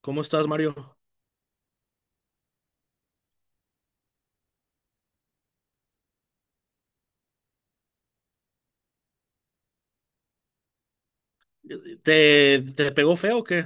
¿Cómo estás, Mario? ¿Te pegó feo o qué?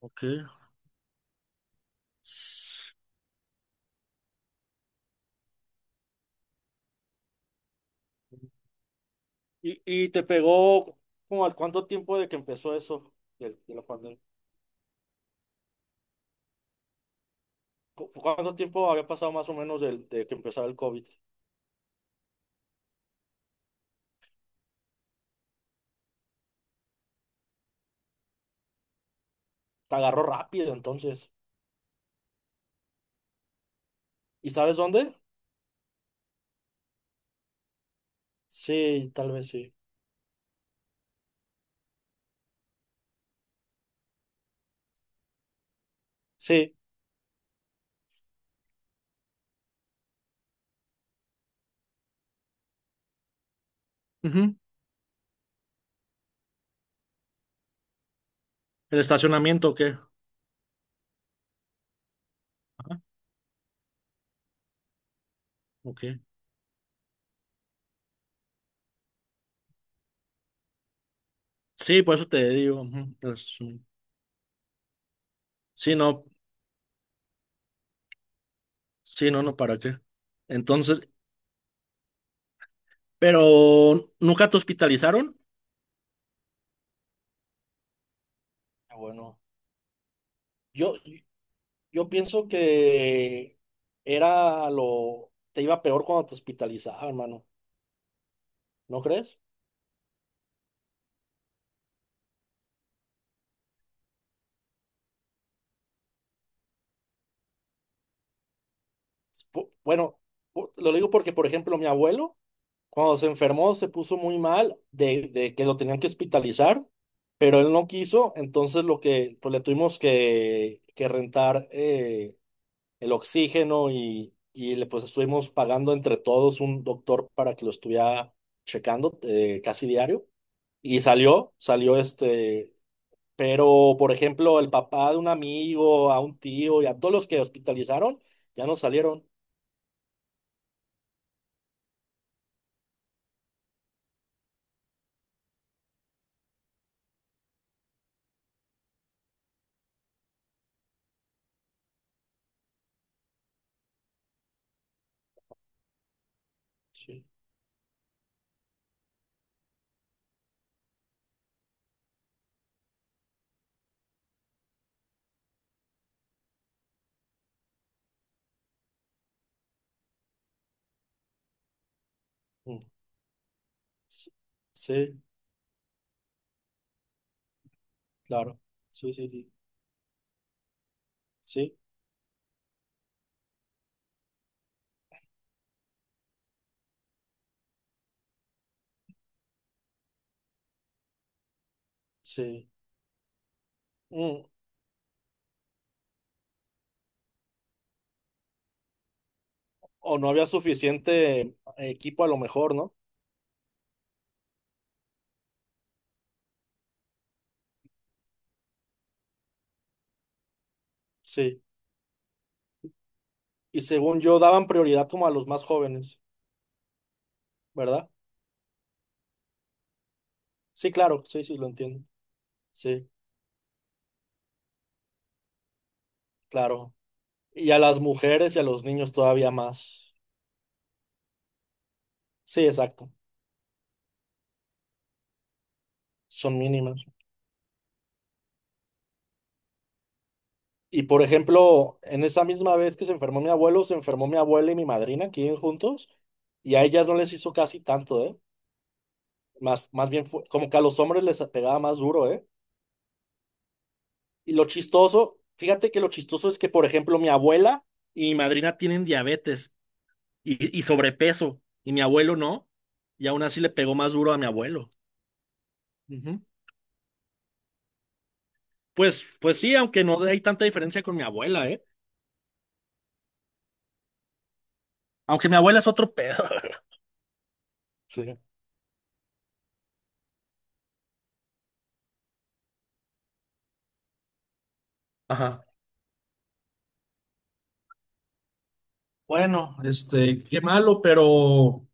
Ok. S- ¿Y, y te pegó como al cuánto tiempo de que empezó eso, del- de la pandemia? ¿Cu- ¿Cuánto tiempo había pasado más o menos del- de, que empezara el COVID? Te agarró rápido entonces. ¿Y sabes dónde? Sí, tal vez sí. Sí, ujú. ¿El estacionamiento o qué? Ok. Sí, por eso te digo. Ujú, pues, sí, no. Sí, no, no, ¿para qué? Entonces, pero ¿nunca te hospitalizaron? Ah, bueno. Yo, Yo pienso que era lo, te iba peor cuando te hospitalizaban, hermano, ¿no crees? Pu- bueno, pu- lo digo porque, por ejemplo, mi abuelo, cuando se enfermó, se puso muy mal de que lo tenían que hospitalizar, pero él no quiso, entonces lo que, pues le tuvimos que rentar el oxígeno y le pues estuvimos pagando entre todos un doctor para que lo estuviera checando casi diario. Y salió, salió este, pero, por ejemplo, el papá de un amigo, a un tío y a todos los que hospitalizaron, ya no salieron. Sí. Mm. Sí, sí, claro. Sí, sí, sí. Sí, sí. Mm. O no había suficiente equipo a lo mejor, ¿no? Sí. Y según yo, daban prioridad como a los más jóvenes, ¿verdad? Sí, claro. Sí, sí, lo entiendo. Sí, claro. Y a las mujeres y a los niños todavía más. Sí, exacto. Son mínimas. Y por ejemplo, en esa misma vez que se enfermó mi abuelo, se enfermó mi abuela y mi madrina, que viven juntos, y a ellas no les hizo casi tanto, ¿eh? Más, más bien fue como que a los hombres les pegaba más duro, ¿eh? Y lo chistoso, fíjate que lo chistoso es que, por ejemplo, mi abuela y mi madrina tienen diabetes y sobrepeso, y mi abuelo no, y aún así le pegó más duro a mi abuelo. Ujú. Pues, pues sí, aunque no hay tanta diferencia con mi abuela, ¿eh? Aunque mi abuela es otro pedo. Sí. Ajá. Bueno, este, qué malo, pero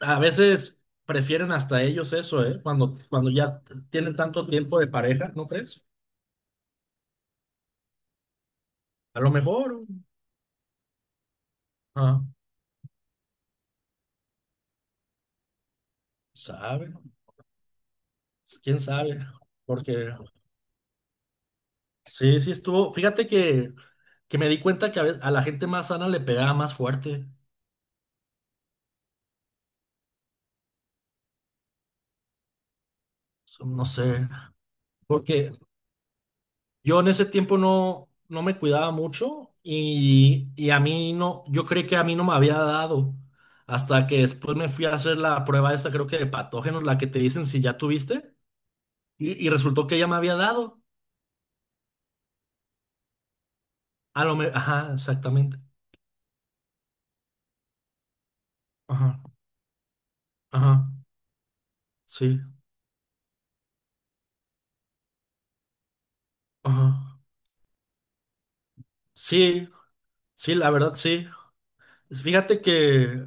a veces prefieren hasta ellos eso, ¿eh? Cuando, cuando ya tienen tanto tiempo de pareja, ¿no crees? A lo mejor, ah, sabe, quién sabe, porque sí, sí estuvo. Fíjate que me di cuenta que a, ve- a la gente más sana le pegaba más fuerte, no sé, porque yo en ese tiempo no, no me cuidaba mucho y a mí no, yo creí que a mí no me había dado hasta que después me fui a hacer la prueba esa, creo que de patógenos, la que te dicen si ya tuviste y resultó que ya me había dado. A lo me, ajá, exactamente. Ajá, ajá, sí, ajá. Sí, sí, la verdad sí. Fíjate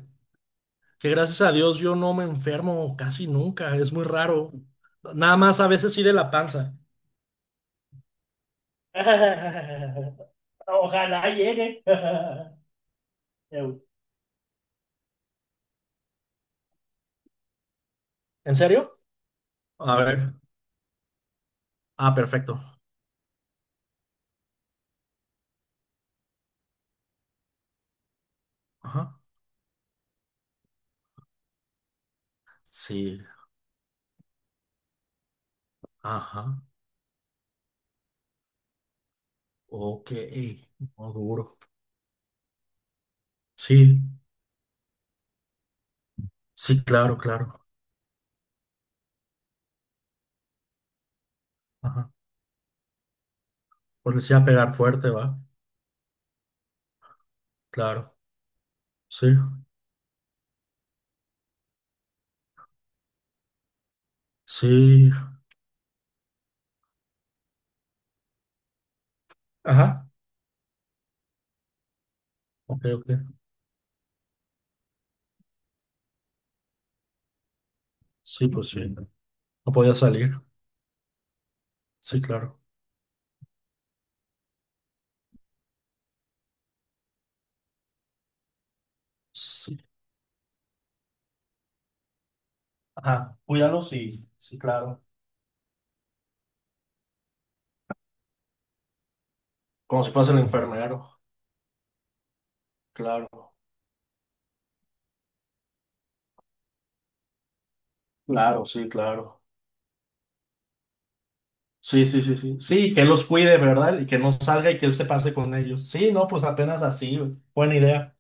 que gracias a Dios yo no me enfermo casi nunca, es muy raro. Nada más a veces sí de la panza. Ojalá llegue. Eu. ¿En serio? A ver. Ah, perfecto. Ajá. Sí. Ajá. Ok. No, duro. Sí. Sí, claro, claro. Ajá. Pues les a pegar fuerte, ¿va? Claro. Sí. Sí. Ajá. Ok, ok. Sí, pues sí. No podía salir. Sí, claro. Sí. Ajá. Cuídalo, sí. Sí, claro. Como si fuese el enfermero. Claro. Claro, sí, claro. Sí, sí, sí, sí. Sí, que los cuide, ¿verdad? Y que no salga y que él se pase con ellos. Sí, no, pues apenas así, güey. Buena idea.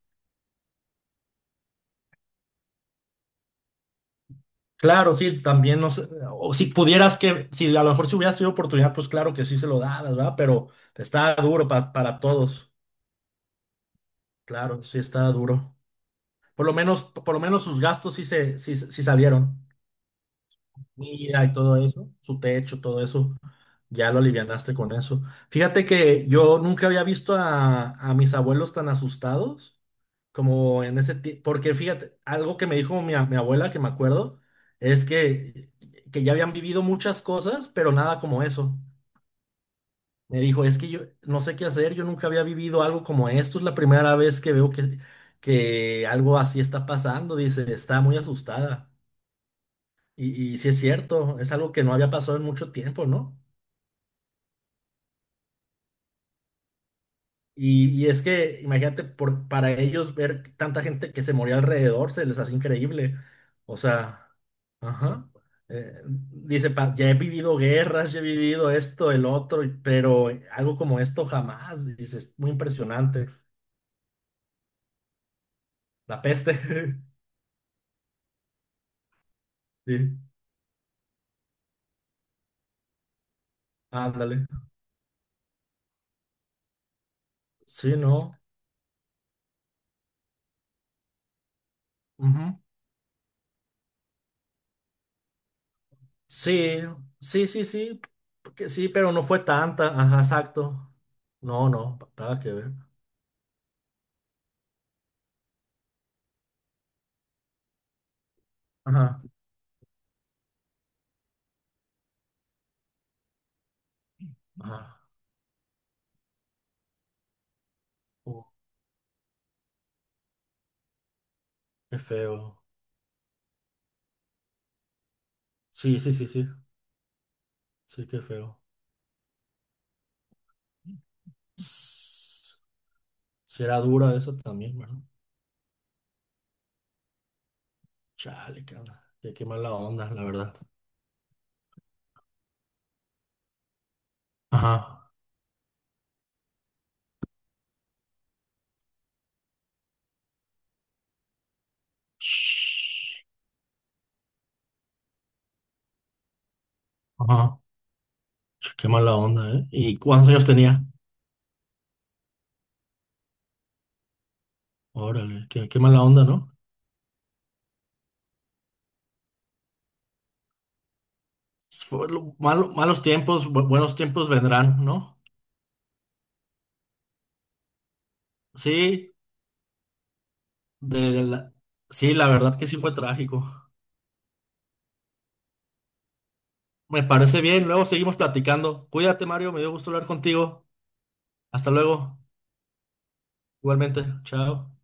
Claro, sí, también no sé, o si pudieras que, si a lo mejor si hubieras tenido oportunidad, pues claro que sí se lo dabas, ¿verdad? Pero está duro pa- para todos. Claro, sí está duro. Por lo menos sus gastos sí se, sí, sí salieron. Mira y todo eso, su techo, todo eso. Ya lo alivianaste con eso. Fíjate que yo nunca había visto a mis abuelos tan asustados como en ese tiempo. Porque fíjate, algo que me dijo mi, a- mi abuela, que me acuerdo, es que ya habían vivido muchas cosas, pero nada como eso. Me dijo, es que yo no sé qué hacer, yo nunca había vivido algo como esto, es la primera vez que veo que algo así está pasando. Dice, está muy asustada. Y sí es cierto, es algo que no había pasado en mucho tiempo, ¿no? Y es que, imagínate, por, para ellos ver tanta gente que se moría alrededor se les hace increíble. O sea, ajá. Dice, "Pa- ya he vivido guerras, ya he vivido esto, el otro, y- pero algo como esto jamás. Dice, es muy impresionante. La peste. Sí, ándale. Sí, ¿no? Ujú. Sí, sí, sí, sí. Porque sí, pero no fue tanta. Ajá, exacto. No, no, nada que ver. Ajá, ajá. Uh, qué feo. Sí, sí, sí, sí. Sí, qué feo. Ss, será dura eso también, ¿verdad? Chale, cabrón. Qué, qué mala onda, la verdad. Ajá. Shhh. Ajá. Ch, qué mala onda, ¿eh? ¿Y cuántos años tenía? Órale, qué, qué mala onda, ¿no? Fue lo- malo- malos tiempos, bu- buenos tiempos vendrán, ¿no? Sí, de la, sí, la verdad que sí fue trágico. Me parece bien, luego seguimos platicando. Cuídate, Mario, me dio gusto hablar contigo. Hasta luego, igualmente, chao.